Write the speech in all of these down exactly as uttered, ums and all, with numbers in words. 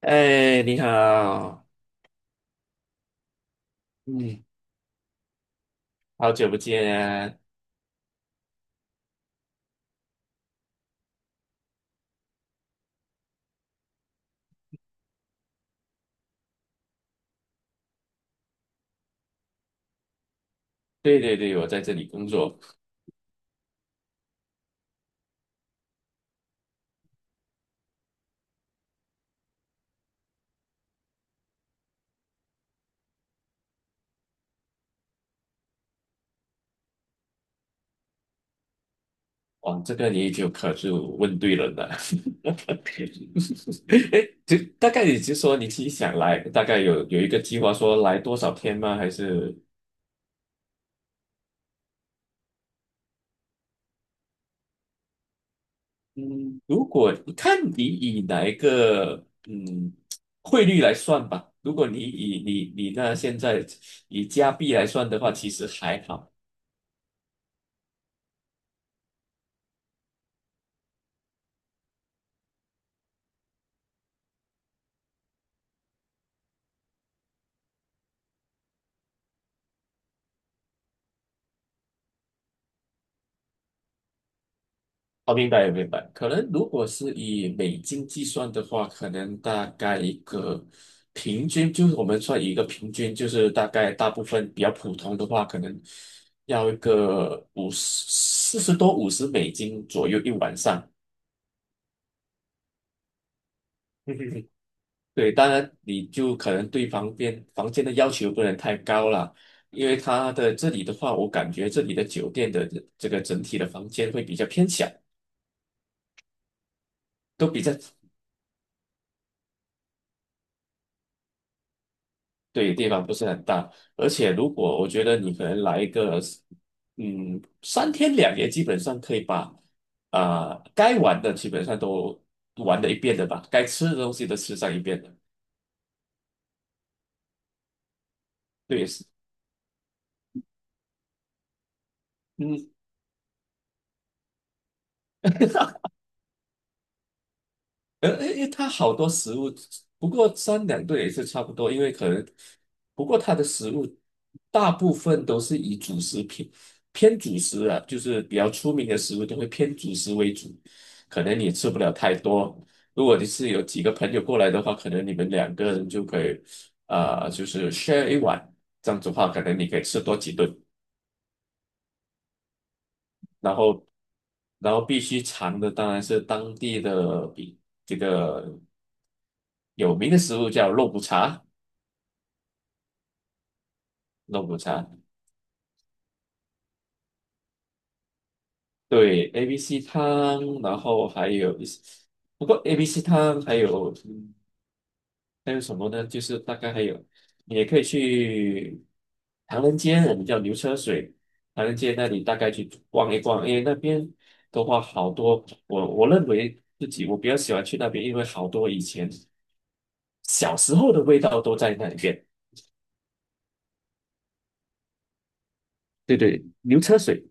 哎，你好，嗯，好久不见啊！对对对，我在这里工作。哇，这个你就可是问对人了。哎就大概你就说你自己想来，大概有有一个计划说来多少天吗？还是嗯，如果看你以哪一个嗯汇率来算吧。如果你以你你那现在以加币来算的话，其实还好。哦，明白明白。可能如果是以美金计算的话，可能大概一个平均，就是我们算一个平均，就是大概大部分比较普通的话，可能要一个五十四十多五十美金左右一晚上。对，当然你就可能对房间房间的要求不能太高了，因为它的这里的话，我感觉这里的酒店的这这个整体的房间会比较偏小，都比较对，地方不是很大，而且如果我觉得你可能来一个，嗯，三天两夜，基本上可以把啊、该玩的基本上都玩了一遍的吧，该吃的东西都吃上一遍的。对，是嗯，呃，因为它好多食物，不过三两顿也是差不多，因为可能，不过它的食物大部分都是以主食偏偏主食啊，就是比较出名的食物都会偏主食为主，可能你吃不了太多。如果你是有几个朋友过来的话，可能你们两个人就可以，啊、就是 share 一碗，这样子的话，可能你可以吃多几顿，然后，然后必须尝的当然是当地的比这个。有名的食物叫肉骨茶，肉骨茶，对，A B C 汤，然后还有一些，不过 A B C 汤还有嗯还有什么呢？就是大概还有，你也可以去唐人街，我们叫牛车水，唐人街那里大概去逛一逛，因为那边的话好多，我我认为自己我比较喜欢去那边，因为好多以前小时候的味道都在那里边。对对，牛车水。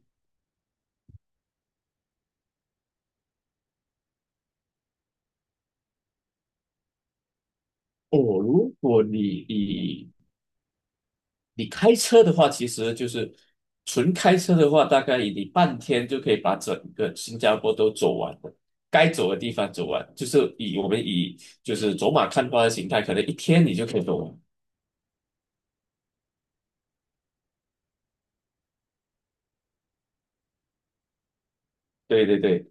哦，如果你以你开车的话，其实就是纯开车的话，大概你半天就可以把整个新加坡都走完的，该走的地方走完，就是以我们以就是走马看花的形态，可能一天你就可以走完。对对对，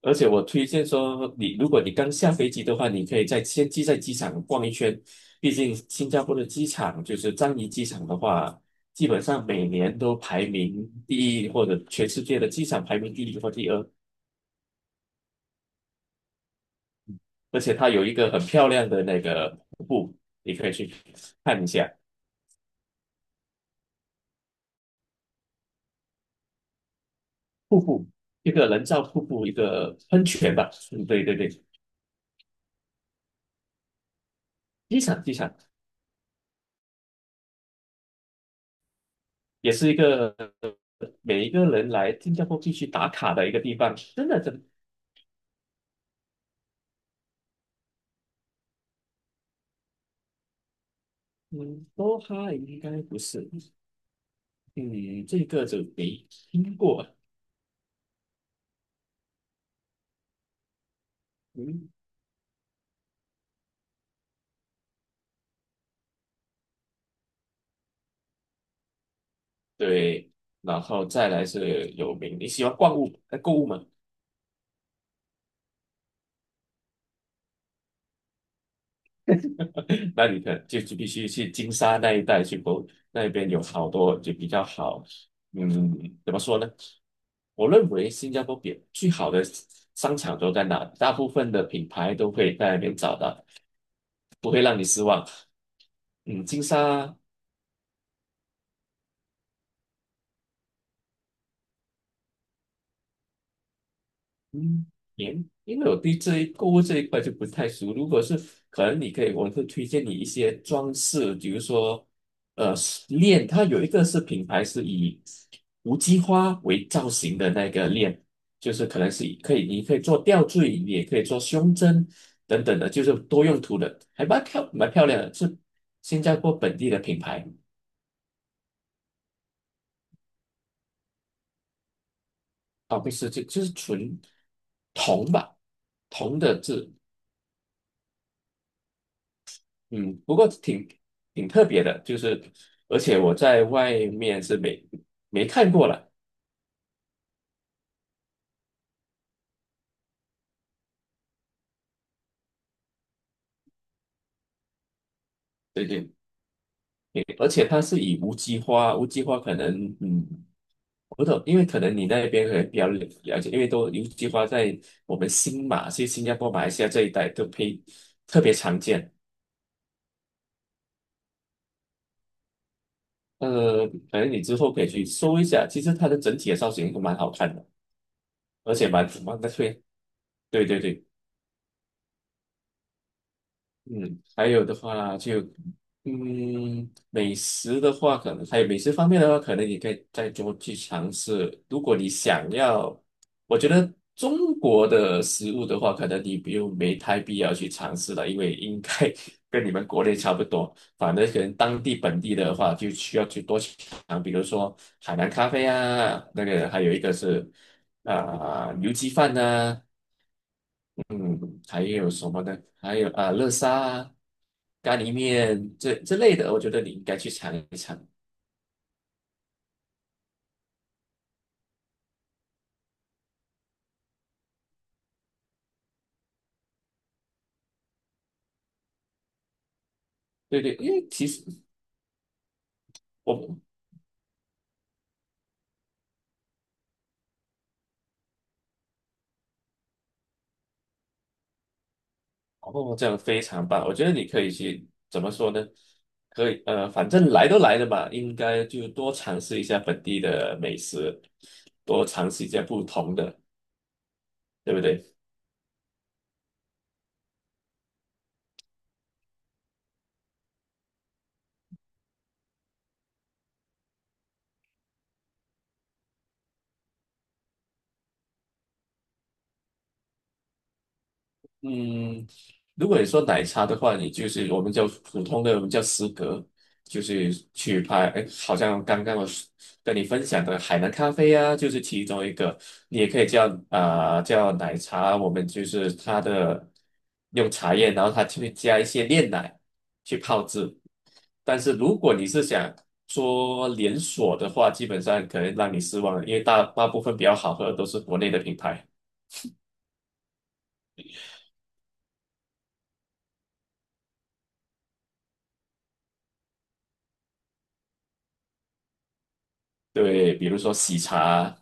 而且我推荐说你，如果你刚下飞机的话，你可以在先机在机场逛一圈，毕竟新加坡的机场就是樟宜机场的话，基本上每年都排名第一，或者全世界的机场排名第一或第二。而且它有一个很漂亮的那个瀑布，你可以去看一下瀑布，一个人造瀑布，一个喷泉吧。嗯，对对对，机场机场也是一个每一个人来新加坡必须打卡的一个地方，真的真的嗯，多哈应该不是，嗯，这个就没听过，嗯，对，然后再来是有名，你喜欢逛物呃购物吗？那你可就是必须去金沙那一带去博，那边有好多就比较好，嗯，怎么说呢？我认为新加坡比最好的商场都在哪？大部分的品牌都会在那边找到，不会让你失望。嗯，金沙。嗯，因因为我对这一购物这一块就不太熟。如果是可能，你可以，我会推荐你一些装饰，比如说，呃，链，它有一个是品牌是以无机花为造型的那个链，就是可能是以可以，你可以做吊坠，你也可以做胸针等等的，就是多用途的，还蛮漂蛮漂亮的，是新加坡本地的品牌啊，不是，就就是纯铜吧，铜的字。嗯，不过挺挺特别的，就是而且我在外面是没没看过了，对对，对而且它是以无机花，无机花可能嗯，不懂，因为可能你那边可能比较了了解，因为都无机花在我们新马，其实新加坡、马来西亚这一带都非特别常见，呃，可能你之后可以去搜一下，其实它的整体的造型都蛮好看的，而且蛮蛮特别，对对对。嗯，还有的话就，嗯，美食的话，可能还有美食方面的话，可能你可以再多去尝试。如果你想要，我觉得中国的食物的话，可能你不用没太必要去尝试了，因为应该 跟你们国内差不多。反正可能当地本地的话，就需要去多去尝，比如说海南咖啡啊，那个还有一个是啊、牛鸡饭呐、嗯，还有什么呢？还有啊，乐沙啊、咖喱面这这类的，我觉得你应该去尝一尝。对对，因为其实我哦，这样非常棒。我觉得你可以去怎么说呢？可以呃，反正来都来了嘛，应该就多尝试一下本地的美食，多尝试一下不同的，对不对？嗯，如果你说奶茶的话，你就是我们叫普通的，我们叫司格，就是去拍，哎，好像刚刚我是跟你分享的海南咖啡啊，就是其中一个，你也可以叫啊、呃叫奶茶，我们就是它的用茶叶，然后它就会加一些炼奶去泡制。但是如果你是想说连锁的话，基本上可能让你失望了，因为大大部分比较好喝的都是国内的品牌，对，比如说喜茶啊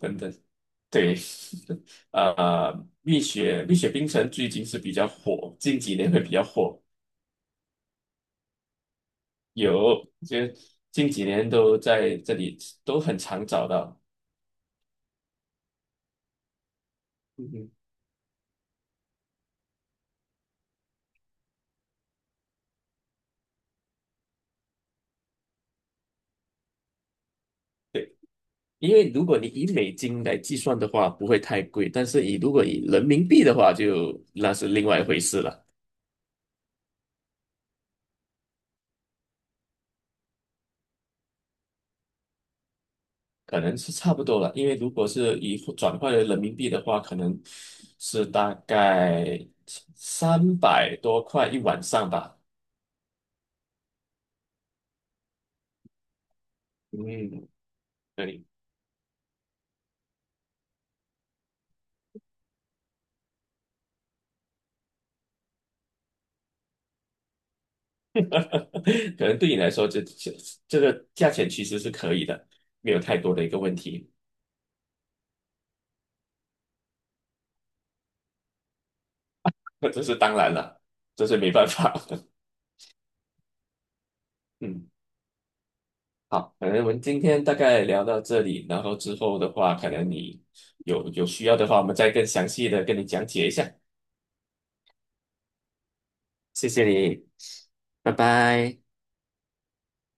等等。对，呃，蜜雪蜜雪冰城最近是比较火，近几年会比较火，有就近几年都在这里都很常找到。嗯哼，因为如果你以美金来计算的话，不会太贵，但是以如果以人民币的话就，那是另外一回事了，可能是差不多了。因为如果是以转换为人民币的话，可能是大概三百多块一晚上吧。嗯，对。可能对你来说，这这这个价钱其实是可以的，没有太多的一个问题。这是当然了，这是没办法。嗯，好，可能我们今天大概聊到这里，然后之后的话，可能你有有需要的话，我们再更详细的跟你讲解一下。谢谢你，拜拜。